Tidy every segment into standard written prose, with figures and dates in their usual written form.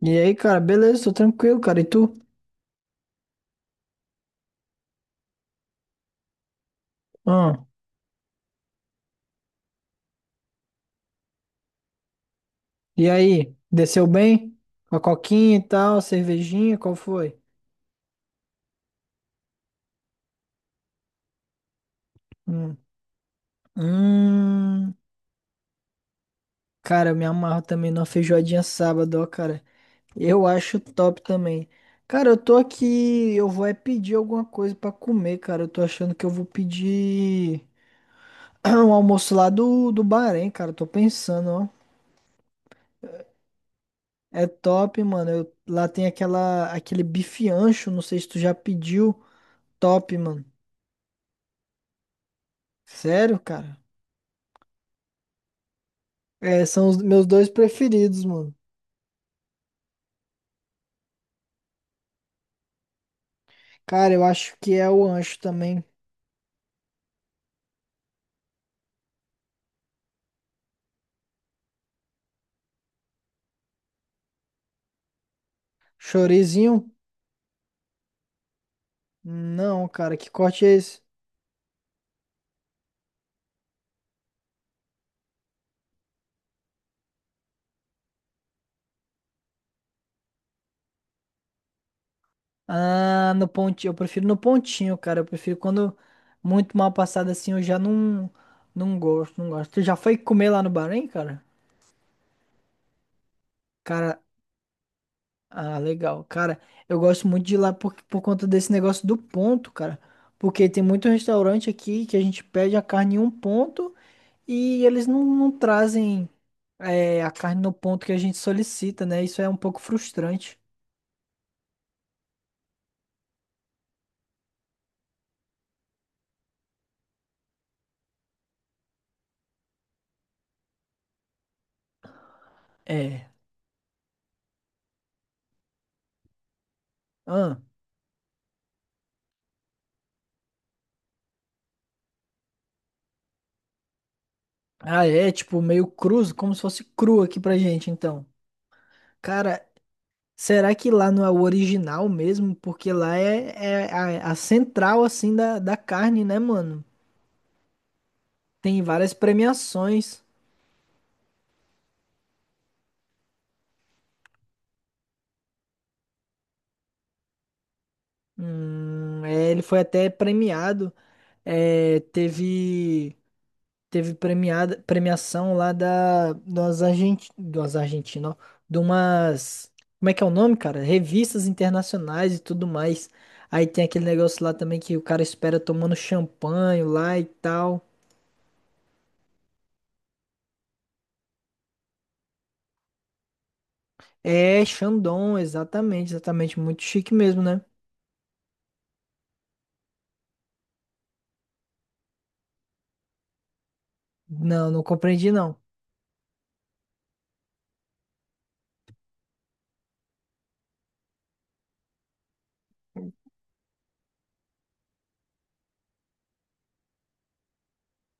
E aí, cara, beleza, tô tranquilo, cara. E tu? Ah, e aí, desceu bem? Com a coquinha e tal, cervejinha, qual foi? Hum, Hum, cara, eu me amarro também numa feijoadinha sábado, ó, cara. Eu acho top também. Cara, eu tô aqui, eu vou é pedir alguma coisa pra comer, cara. Eu tô achando que eu vou pedir um almoço lá do Bahrein, cara. Eu tô pensando, ó. É top, mano. Lá tem aquele bife ancho, não sei se tu já pediu. Top, mano. Sério, cara? É, são os meus dois preferidos, mano. Cara, eu acho que é o ancho também. Chorizinho? Não, cara, que corte é esse? Ah, no pontinho. Eu prefiro no pontinho, cara. Eu prefiro quando muito mal passado assim, eu já não, não gosto, não gosto. Tu já foi comer lá no Bahrein, cara? Cara, ah, legal. Cara, eu gosto muito de ir lá por conta desse negócio do ponto, cara. Porque tem muito restaurante aqui que a gente pede a carne em um ponto e eles não trazem. É, a carne no ponto que a gente solicita, né? Isso é um pouco frustrante. É. Ah, ah, é tipo meio cruz, como se fosse cru aqui pra gente, então. Cara, será que lá não é o original mesmo? Porque lá é a central, assim, da carne, né, mano? Tem várias premiações. É, ele foi até premiado. É, teve. Teve premiação lá das Argentinas, ó, de umas, como é que é o nome, cara? Revistas internacionais e tudo mais. Aí tem aquele negócio lá também que o cara espera tomando champanhe lá e tal. É, Chandon, exatamente, exatamente, muito chique mesmo, né? Não, não compreendi não.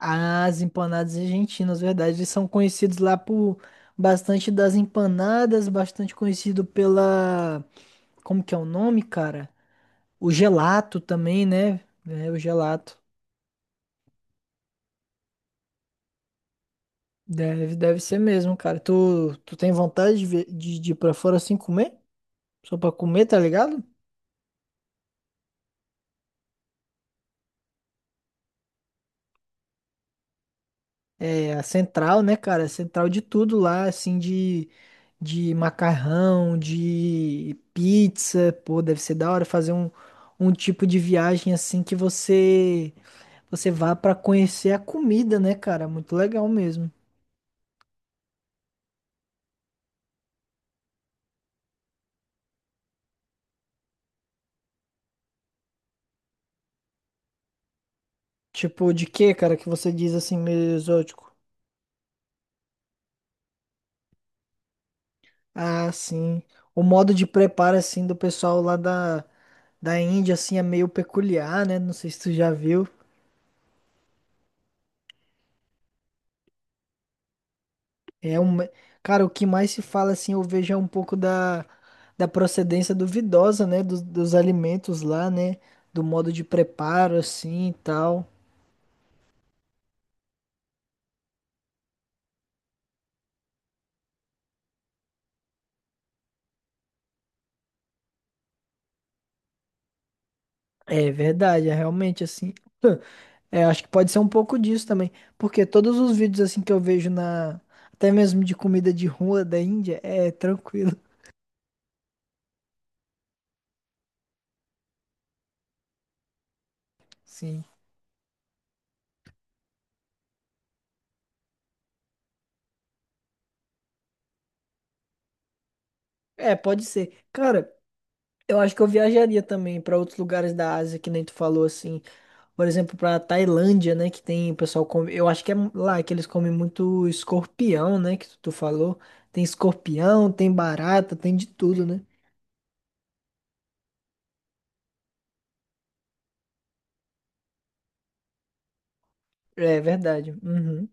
As empanadas argentinas, verdade, eles são conhecidos lá por bastante das empanadas, bastante conhecido pela, como que é o nome, cara? O gelato também, né? É, o gelato. Deve, deve ser mesmo, cara. Tu tem vontade de, de ir pra fora assim comer? Só pra comer, tá ligado? É a central, né, cara? A central de tudo lá, assim, de macarrão, de pizza. Pô, deve ser da hora fazer um, um tipo de viagem assim que você, você vá pra conhecer a comida, né, cara? Muito legal mesmo. Tipo, de que, cara, que você diz assim, meio exótico? Ah, sim. O modo de preparo, assim, do pessoal lá da Índia, assim, é meio peculiar, né? Não sei se tu já viu. É um... Cara, o que mais se fala, assim, eu vejo é um pouco da procedência duvidosa, né? Dos alimentos lá, né? Do modo de preparo, assim, e tal. É verdade, é realmente, assim... É, acho que pode ser um pouco disso também. Porque todos os vídeos, assim, que eu vejo na... Até mesmo de comida de rua da Índia, é tranquilo, sim. É, pode ser. Cara... Eu acho que eu viajaria também para outros lugares da Ásia, que nem tu falou assim. Por exemplo, para Tailândia, né, que tem o pessoal come, eu acho que é lá que eles comem muito escorpião, né, tu falou. Tem escorpião, tem barata, tem de tudo, né? É verdade. Uhum.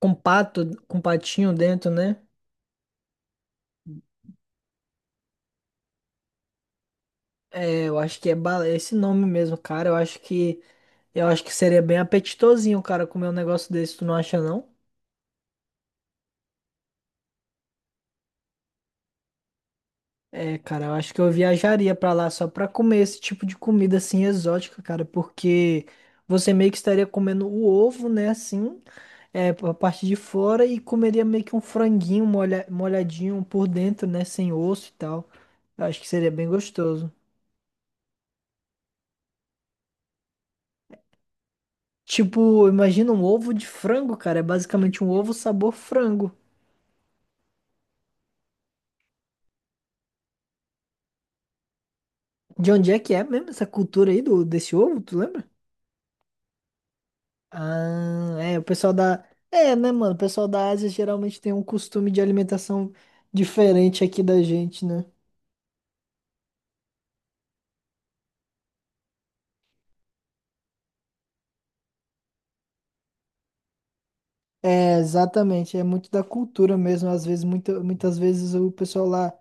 Com pato, com patinho dentro, né? É, eu acho que é, é esse nome mesmo, cara. Eu acho que seria bem apetitosinho, cara, comer um negócio desse, tu não acha não? É, cara, eu acho que eu viajaria pra lá só pra comer esse tipo de comida assim exótica, cara, porque você meio que estaria comendo o ovo, né, assim, é, a parte de fora e comeria meio que um franguinho molhadinho por dentro, né, sem osso e tal. Eu acho que seria bem gostoso. Tipo, imagina um ovo de frango, cara, é basicamente um ovo sabor frango. De onde é que é mesmo essa cultura aí do desse ovo, tu lembra? Ah, é, o pessoal da. É, né, mano? O pessoal da Ásia geralmente tem um costume de alimentação diferente aqui da gente, né? É, exatamente. É muito da cultura mesmo. Às vezes, muitas vezes o pessoal lá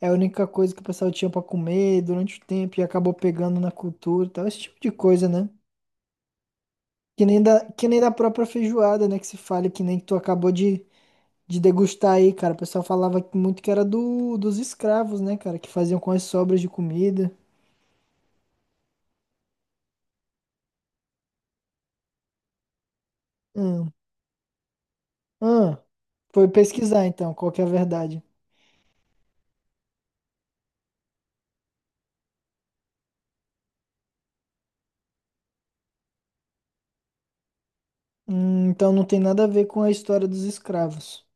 é a única coisa que o pessoal tinha pra comer durante o tempo e acabou pegando na cultura e tal, esse tipo de coisa, né? Que nem da própria feijoada, né? Que se fala, que nem que tu acabou de degustar aí, cara. O pessoal falava que muito que era dos escravos, né, cara? Que faziam com as sobras de comida. Hum. Ah, foi pesquisar então, qual que é a verdade. Então não tem nada a ver com a história dos escravos.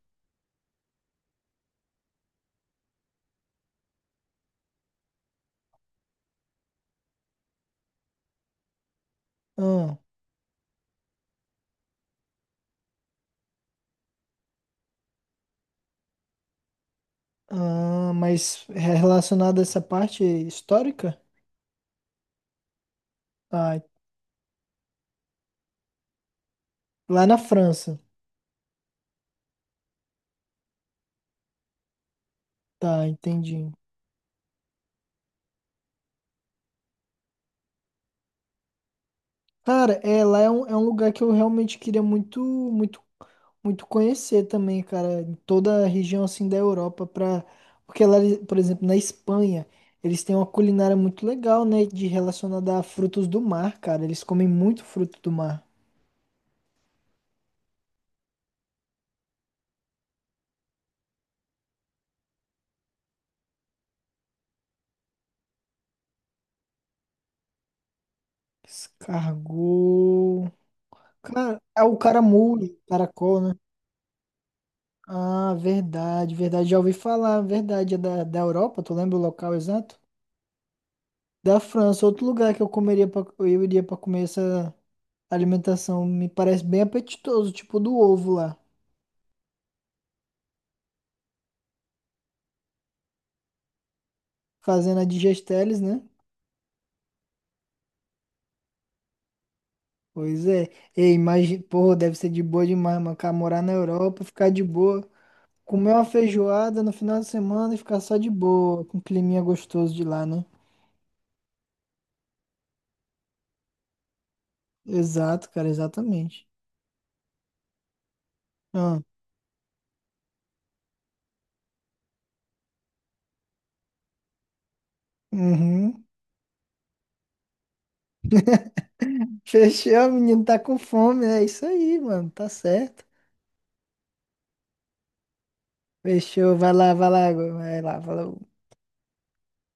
Ah, ah, mas é relacionado a essa parte histórica? Ah, lá na França. Tá, entendi. Cara, é, lá é um lugar que eu realmente queria muito, muito, muito conhecer também, cara. Em toda a região, assim, da Europa. Pra... Porque lá, por exemplo, na Espanha, eles têm uma culinária muito legal, né? De relacionada a frutos do mar, cara. Eles comem muito fruto do mar. Descargou. Cara, é o caramujo, caracol, né? Ah, verdade, verdade. Já ouvi falar, verdade. É da Europa, tu lembra o local exato? Da França, outro lugar que eu comeria eu iria pra comer essa alimentação. Me parece bem apetitoso, tipo do ovo lá. Fazendo a digesteles, né? Pois é. Ei, imagina, porra, deve ser de boa demais, mano. Cara, morar na Europa, ficar de boa. Comer uma feijoada no final de semana e ficar só de boa, com um climinha gostoso de lá, né? Exato, cara, exatamente. Ah, uhum. Fechou, menino, tá com fome, é isso aí, mano, tá certo. Fechou, vai lá, vai lá, vai lá, falou